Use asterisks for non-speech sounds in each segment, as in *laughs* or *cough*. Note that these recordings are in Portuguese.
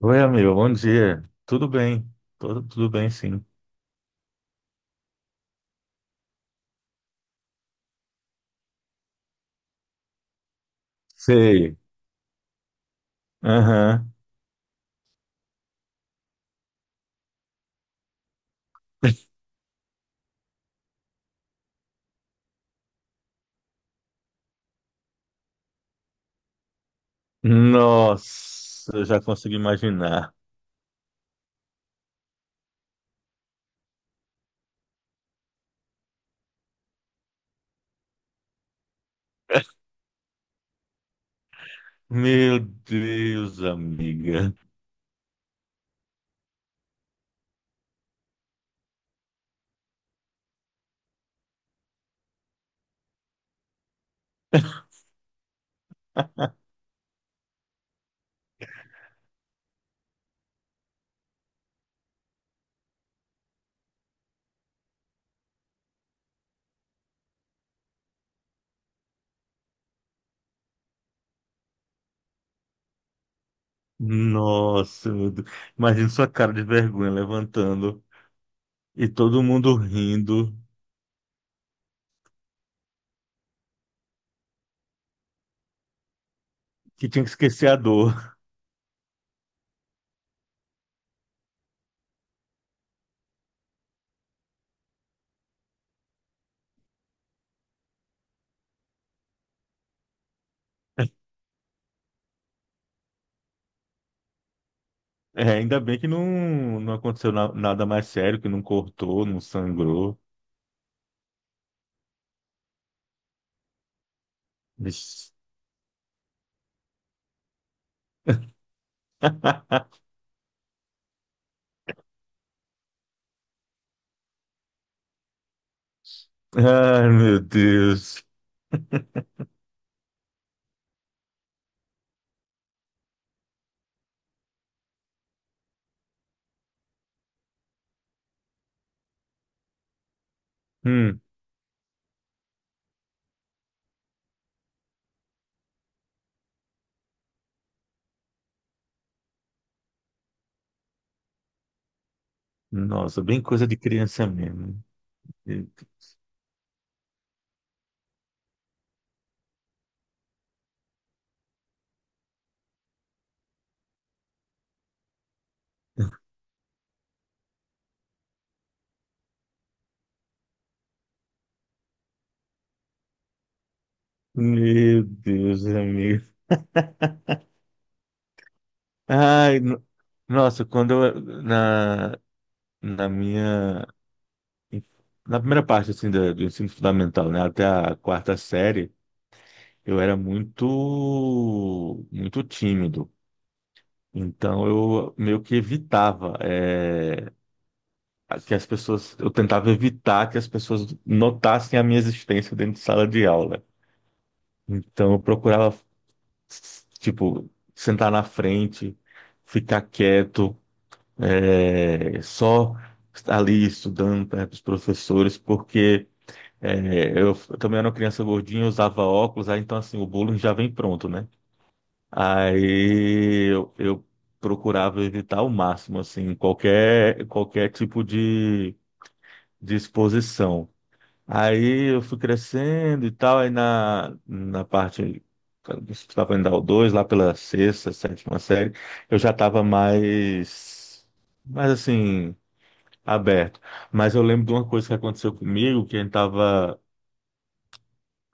Oi, amigo, bom dia. Tudo bem? Tudo bem, sim. Sei. Aham. Nossa, eu já consigo imaginar. Meu Deus, amiga. Nossa, meu Deus. Imagina sua cara de vergonha levantando e todo mundo rindo, que tinha que esquecer a dor. *laughs* É, ainda bem que não aconteceu nada mais sério, que não cortou, não sangrou. Vixe. *laughs* Ai, meu Deus. Hum. Nossa, bem coisa de criança mesmo. Meu Deus, amigo. Ai, no- nossa, quando eu, na, na minha, na primeira parte, assim, do ensino fundamental, né, até a 4ª série, eu era muito tímido. Então, eu meio que evitava, eu tentava evitar que as pessoas notassem a minha existência dentro de sala de aula. Então, eu procurava tipo, sentar na frente, ficar quieto, é, só estar ali estudando perto dos professores, porque é, também era uma criança gordinha, usava óculos, aí então assim, o bullying já vem pronto, né? Aí eu procurava evitar ao máximo, assim, qualquer tipo de exposição. Aí eu fui crescendo e tal, aí na parte que estava indo ao 2 lá pela 6ª, 7ª série, eu já estava mais, mais assim, aberto. Mas eu lembro de uma coisa que aconteceu comigo, que a gente estava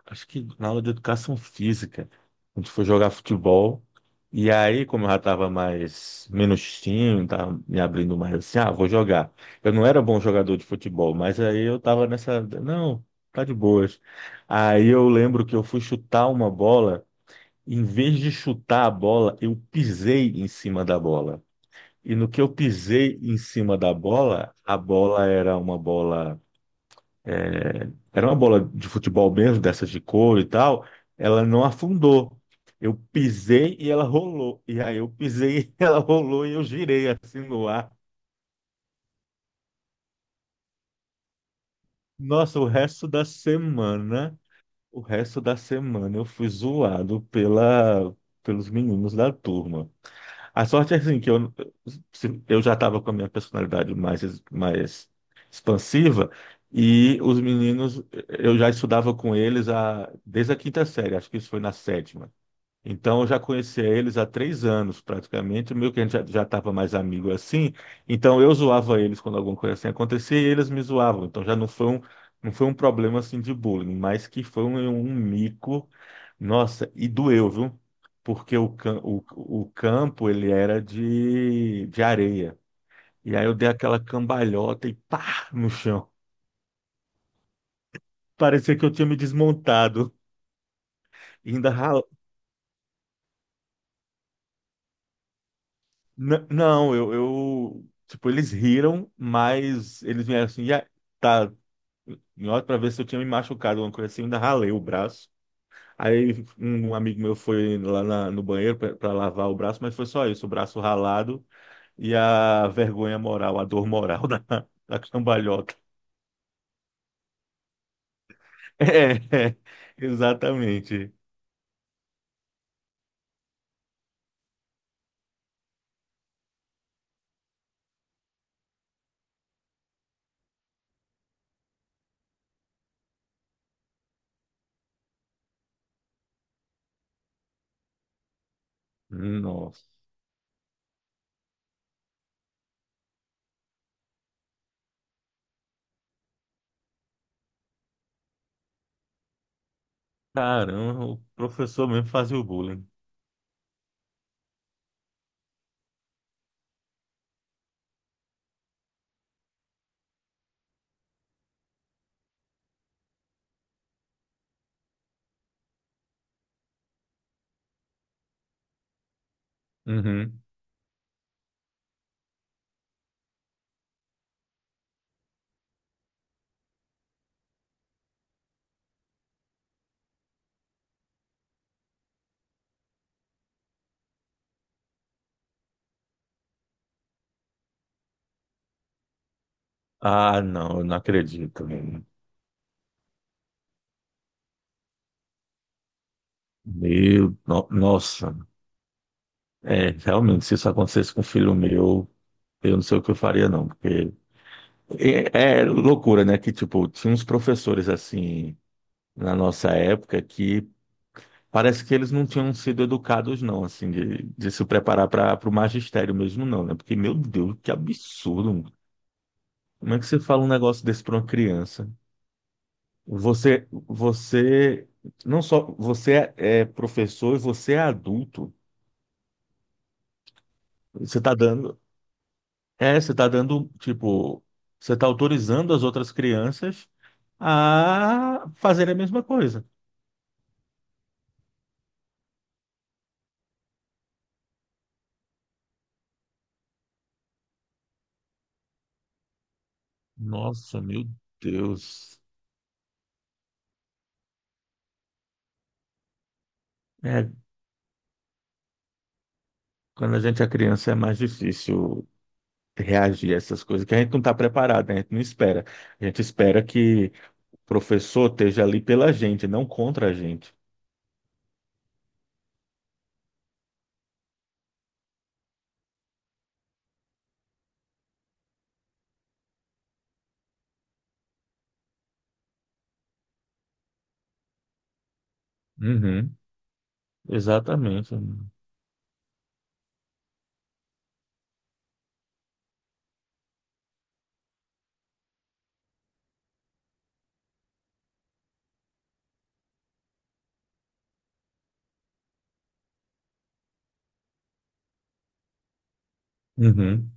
acho que na aula de educação física, a gente foi jogar futebol, e aí, como eu já estava mais, menos tímido, tava me abrindo mais assim, ah, vou jogar. Eu não era bom jogador de futebol, mas aí eu estava nessa, não, tá de boas. Aí eu lembro que eu fui chutar uma bola, em vez de chutar a bola, eu pisei em cima da bola. E no que eu pisei em cima da bola, a bola era uma bola é, era uma bola de futebol mesmo, dessas de couro e tal, ela não afundou. Eu pisei e ela rolou. E aí eu pisei *laughs* e ela rolou e eu girei assim no ar. Nossa, o resto da semana eu fui zoado pelos meninos da turma. A sorte é assim, que eu, se- eu já estava com a minha personalidade mais expansiva e os meninos, eu já estudava com eles a, desde a 5ª série, acho que isso foi na sétima. Então, eu já conhecia eles há 3 anos, praticamente, meio que a gente já estava mais amigo assim. Então, eu zoava eles quando alguma coisa assim acontecia e eles me zoavam. Então, já não foi um, não foi um problema assim de bullying, mas que foi um mico. Nossa, e doeu, viu? Porque o, cam- o campo, ele era de areia. E aí eu dei aquela cambalhota e pá, no chão. Parecia que eu tinha me desmontado. E ainda ralei. N- não, eu- Tipo, eles riram, mas eles vieram assim, já tá. Em hora pra ver se eu tinha me machucado, alguma coisa assim, eu ainda ralei o braço. Aí um amigo meu foi lá no banheiro pra lavar o braço, mas foi só isso, o braço ralado e a vergonha moral, a dor moral *laughs* da cambalhota. É, *laughs* é, exatamente. Nossa, caramba, o professor mesmo fazia o bullying. Uhum. Ah, não, eu não acredito. Meu, no- nossa, é, realmente, se isso acontecesse com um filho meu, eu não sei o que eu faria, não, porque é, é loucura, né? Que, tipo, tinha uns professores, assim, na nossa época, que parece que eles não tinham sido educados, não, assim, de se preparar para o magistério mesmo, não, né? Porque, meu Deus, que absurdo, mano. Como é que você fala um negócio desse para uma criança? Você, você, não só, você é é professor e você é adulto. Você está dando, É, você tá dando, tipo, você tá autorizando as outras crianças a fazer a mesma coisa. Nossa, meu Deus. É, quando a gente é criança é mais difícil reagir a essas coisas, que a gente não está preparado, né? A gente não espera. A gente espera que o professor esteja ali pela gente, não contra a gente. Uhum, exatamente. Uhum.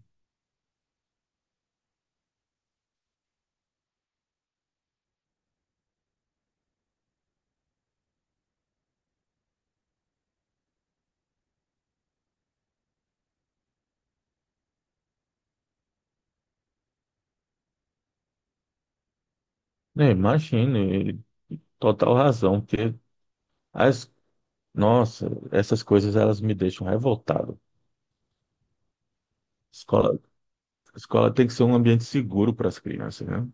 É, imagino, e total razão, porque as, nossa, essas coisas elas me deixam revoltado. Escola, escola tem que ser um ambiente seguro para as crianças, né?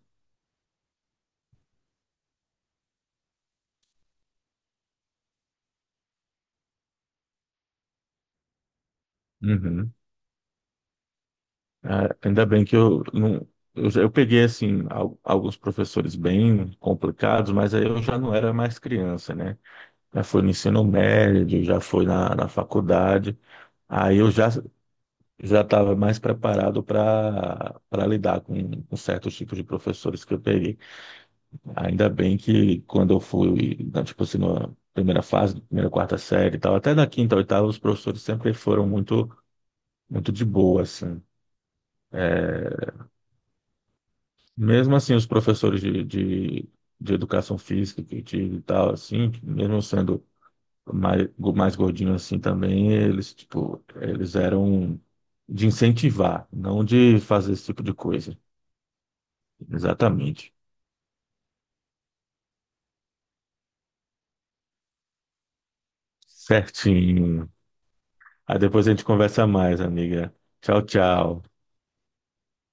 Uhum. É, ainda bem que eu não. Eu peguei, assim, alguns professores bem complicados, mas aí eu já não era mais criança, né? Já foi no ensino médio, já foi na faculdade. Aí eu já estava mais preparado para lidar com certos tipos de professores que eu peguei. Ainda bem que quando eu fui, né, tipo assim, na primeira fase, primeira, quarta série e tal, até na 5ª, 8ª, os professores sempre foram muito de boa, assim. É, mesmo assim, os professores de educação física que eu tive e tal, assim, que mesmo sendo mais gordinho assim também, eles, tipo, eles eram de incentivar, não de fazer esse tipo de coisa. Exatamente. Certinho. Aí depois a gente conversa mais, amiga. Tchau, tchau.